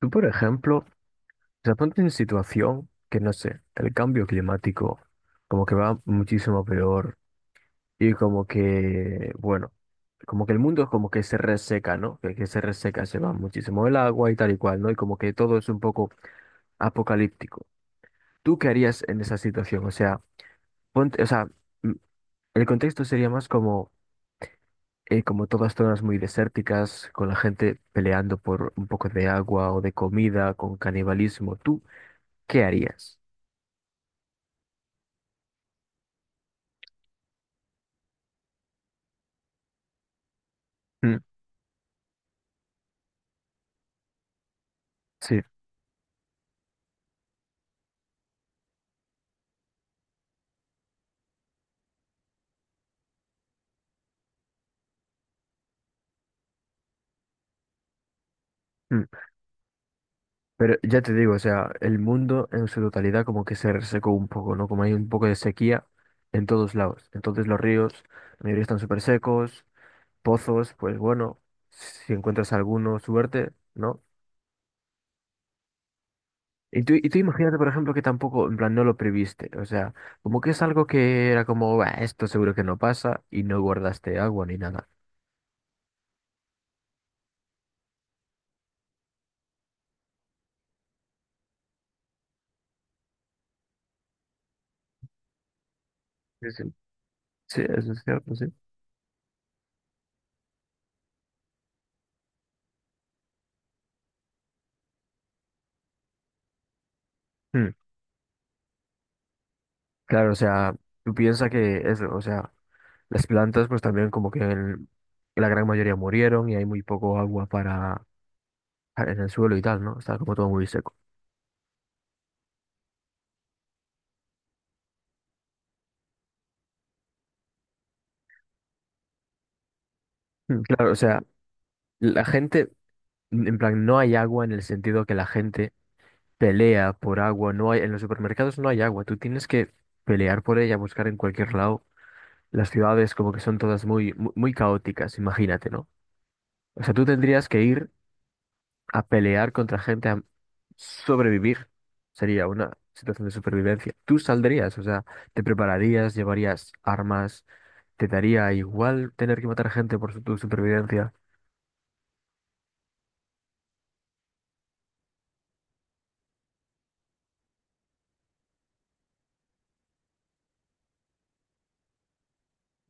Tú, por ejemplo, se ponte en situación que, no sé, el cambio climático como que va muchísimo peor y como que, bueno, como que el mundo es como que se reseca, ¿no? Que se reseca, se va muchísimo el agua y tal y cual, ¿no? Y como que todo es un poco apocalíptico. ¿Tú qué harías en esa situación? O sea, ponte, o sea, mm, el contexto sería más como, como todas zonas muy desérticas, con la gente peleando por un poco de agua o de comida, con canibalismo. ¿Tú qué harías? Sí, mm, pero ya te digo, o sea, el mundo en su totalidad como que se resecó un poco, ¿no? Como hay un poco de sequía en todos lados. Entonces los ríos, la mayoría están súper secos, pozos, pues bueno, si encuentras alguno, suerte, ¿no? Y tú imagínate, por ejemplo, que tampoco, en plan, no lo previste, o sea, como que es algo que era como, "Bah, esto seguro que no pasa y no guardaste agua ni nada." Sí, sí. Sí, eso es cierto, sí. Mm, claro, o sea, tú piensas que eso, o sea... Las plantas, pues también como que la gran mayoría murieron y hay muy poco agua para en el suelo y tal, ¿no? Está como todo muy seco. Mm, claro, o sea, la gente, en plan, no hay agua en el sentido que la gente pelea por agua, no hay, en los supermercados no hay agua, tú tienes que pelear por ella, buscar en cualquier lado. Las ciudades como que son todas muy, muy, caóticas, imagínate, ¿no? O sea, tú tendrías que ir a pelear contra gente, sobrevivir, sería una situación de supervivencia. ¿Tú saldrías? O sea, ¿te prepararías? ¿Llevarías armas? ¿Te daría igual tener que matar gente por tu supervivencia?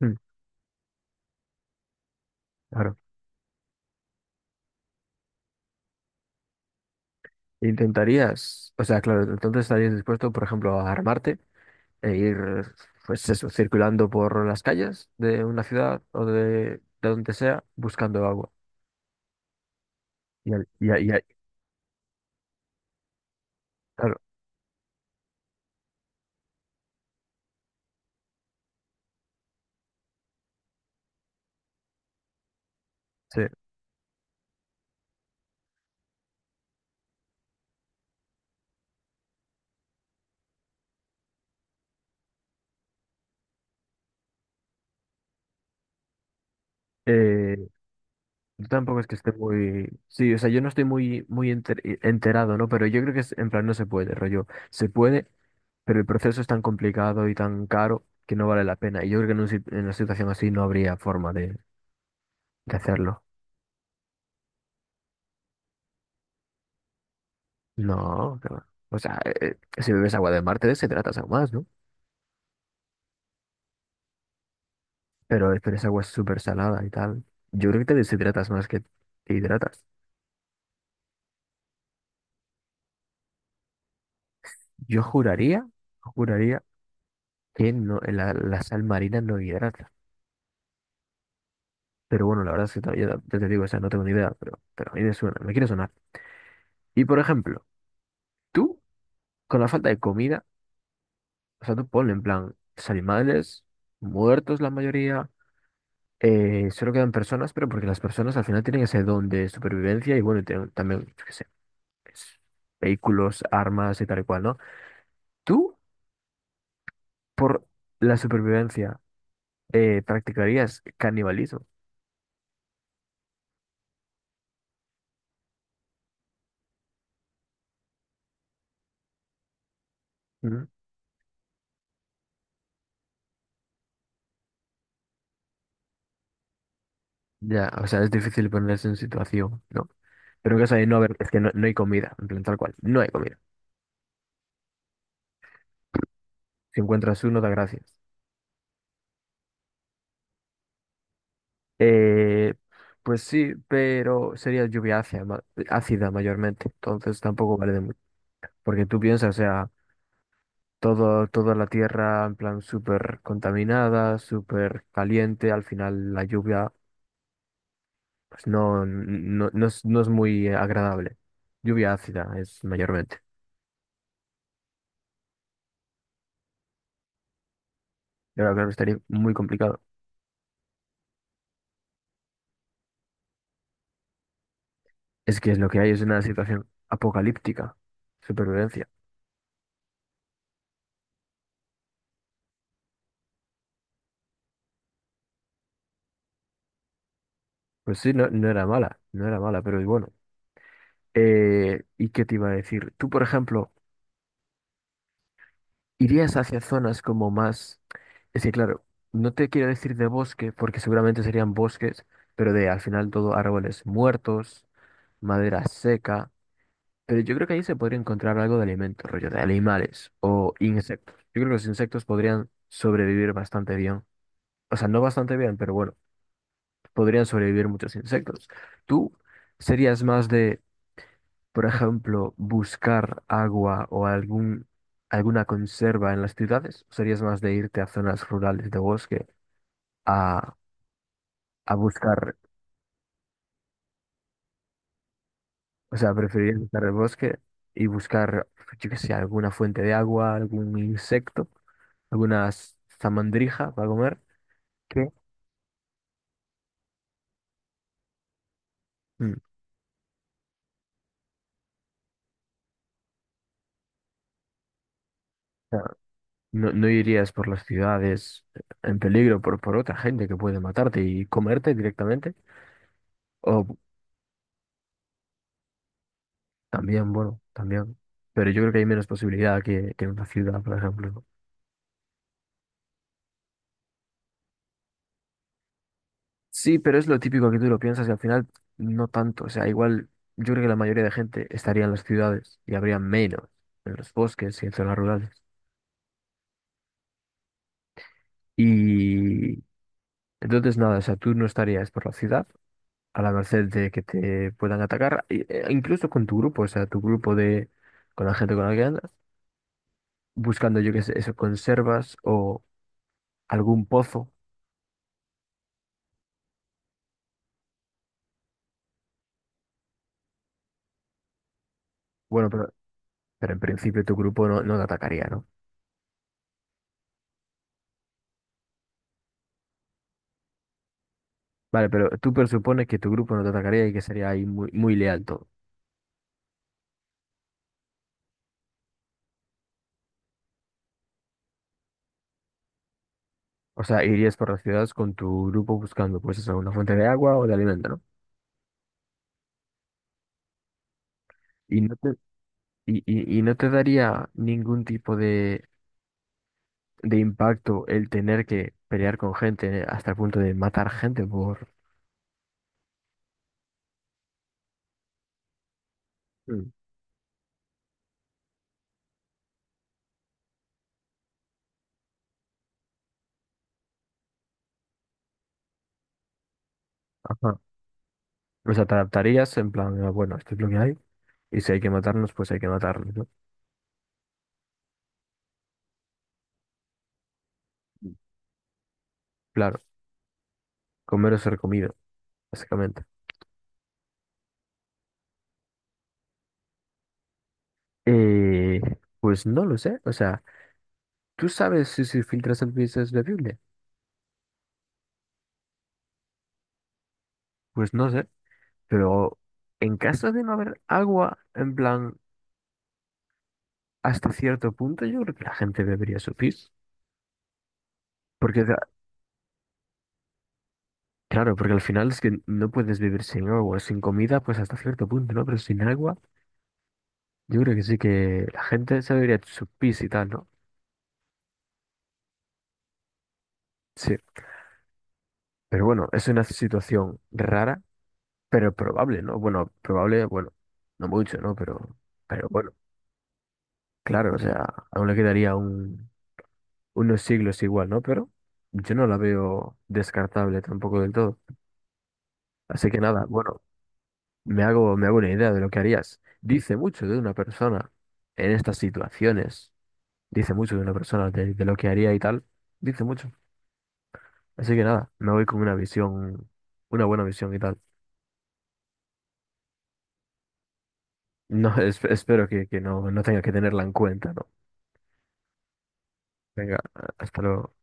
Mm, claro. ¿Intentarías? O sea, claro, entonces estarías dispuesto, por ejemplo, a armarte e ir, pues eso, circulando por las calles de una ciudad o de donde sea, buscando agua. Y, al- y, a- y a- claro, sí. Eh, Yo tampoco es que esté muy... Sí, o sea, yo no estoy muy, muy enterado, ¿no? Pero yo creo que es, en plan no se puede, rollo. Se puede, pero el proceso es tan complicado y tan caro que no vale la pena. Y yo creo que en, un en una situación así no habría forma de, hacerlo. No, que va. O sea, si bebes agua de mar te deshidratas aún más, ¿no? Pero esa agua es súper salada y tal. Yo creo que te deshidratas más que te hidratas. Yo juraría, juraría que no, la sal marina no hidrata. Pero bueno, la verdad es que todavía, ya te digo, o sea, no tengo ni idea, pero, a mí me suena, me quiere sonar. Y por ejemplo, tú, con la falta de comida, o sea, tú ponle en plan, los animales, muertos la mayoría, solo quedan personas, pero porque las personas al final tienen ese don de supervivencia y bueno, y tienen también, yo qué sé, pues, vehículos, armas y tal y cual, ¿no? Tú, por la supervivencia, practicarías canibalismo. ¿Mm? Ya, o sea, es difícil ponerse en situación, ¿no? Pero en caso de no haber, es que no, no hay comida, en plan tal cual, no hay comida. Si encuentras uno, da gracias. Eh, pues sí, pero sería lluvia ácida, ácida mayormente. Entonces tampoco vale de mucho. Porque tú piensas, o sea, todo, toda la tierra en plan súper contaminada, súper caliente. Al final la lluvia pues no, no, no es muy agradable. Lluvia ácida es mayormente. Y ahora, claro, estaría muy complicado. Es que es lo que hay, es una situación apocalíptica. Supervivencia. Pues sí, no, no era mala, no era mala, pero bueno. ¿Y qué te iba a decir? Tú, por ejemplo, irías hacia zonas como más... Es que, claro, no te quiero decir de bosque, porque seguramente serían bosques, pero de al final todo árboles muertos, madera seca. Pero yo creo que ahí se podría encontrar algo de alimento, rollo de animales o insectos. Yo creo que los insectos podrían sobrevivir bastante bien. O sea, no bastante bien, pero bueno, podrían sobrevivir muchos insectos. ¿Tú serías más de... por ejemplo, buscar agua o algún, alguna conserva en las ciudades, serías más de irte a zonas rurales de bosque a, buscar, o sea, preferirías buscar el bosque y buscar, yo qué sé, alguna fuente de agua, algún insecto, alguna zamandrija para comer, que o sea, no, no irías por las ciudades en peligro por, otra gente que puede matarte y comerte directamente? O también, bueno, también. Pero yo creo que hay menos posibilidad que, en una ciudad, por ejemplo, ¿no? Sí, pero es lo típico que tú lo piensas y al final no tanto. O sea, igual yo creo que la mayoría de gente estaría en las ciudades y habría menos en los bosques y en zonas rurales. Y entonces nada, o sea, tú no estarías por la ciudad a la merced de que te puedan atacar, e incluso con tu grupo, o sea, tu grupo de, con la gente con la que andas, buscando, yo qué sé, eso, conservas o algún pozo. Bueno, pero en principio tu grupo no, no te atacaría, ¿no? Vale, pero tú presupones que tu grupo no te atacaría y que sería ahí muy, muy leal todo. O sea, irías por las ciudades con tu grupo buscando, pues eso, una fuente de agua o de alimento, ¿no? Y no te, y no te daría ningún tipo de, impacto el tener que pelear con gente hasta el punto de matar gente por... Mm. Ajá. O sea, te adaptarías en plan, "Ah, bueno, esto es lo que hay, y si hay que matarnos, pues hay que matarnos, ¿no?" Claro, comer o ser comido, básicamente. Eh, pues no lo sé. O sea, ¿tú sabes si se filtra esa pieza es bebible? Pues no sé. Pero en caso de no haber agua, en plan, hasta cierto punto, yo creo que la gente bebería su pis. Porque, claro, porque al final es que no puedes vivir sin agua, sin comida, pues hasta cierto punto, ¿no? Pero sin agua, yo creo que sí que la gente se bebería su pis y tal, ¿no? Sí. Pero bueno, es una situación rara, pero probable, ¿no? Bueno, probable, bueno, no mucho, ¿no? Pero bueno. Claro, o sea, aún le quedaría unos siglos igual, ¿no? Pero yo no la veo descartable tampoco del todo. Así que nada, bueno, me hago una idea de lo que harías. Dice mucho de una persona en estas situaciones, dice mucho de una persona de, lo que haría y tal, dice mucho. Así que nada, me voy con una visión, una buena visión y tal. No, espero que no, no tenga que tenerla en cuenta, ¿no? Venga, hasta luego.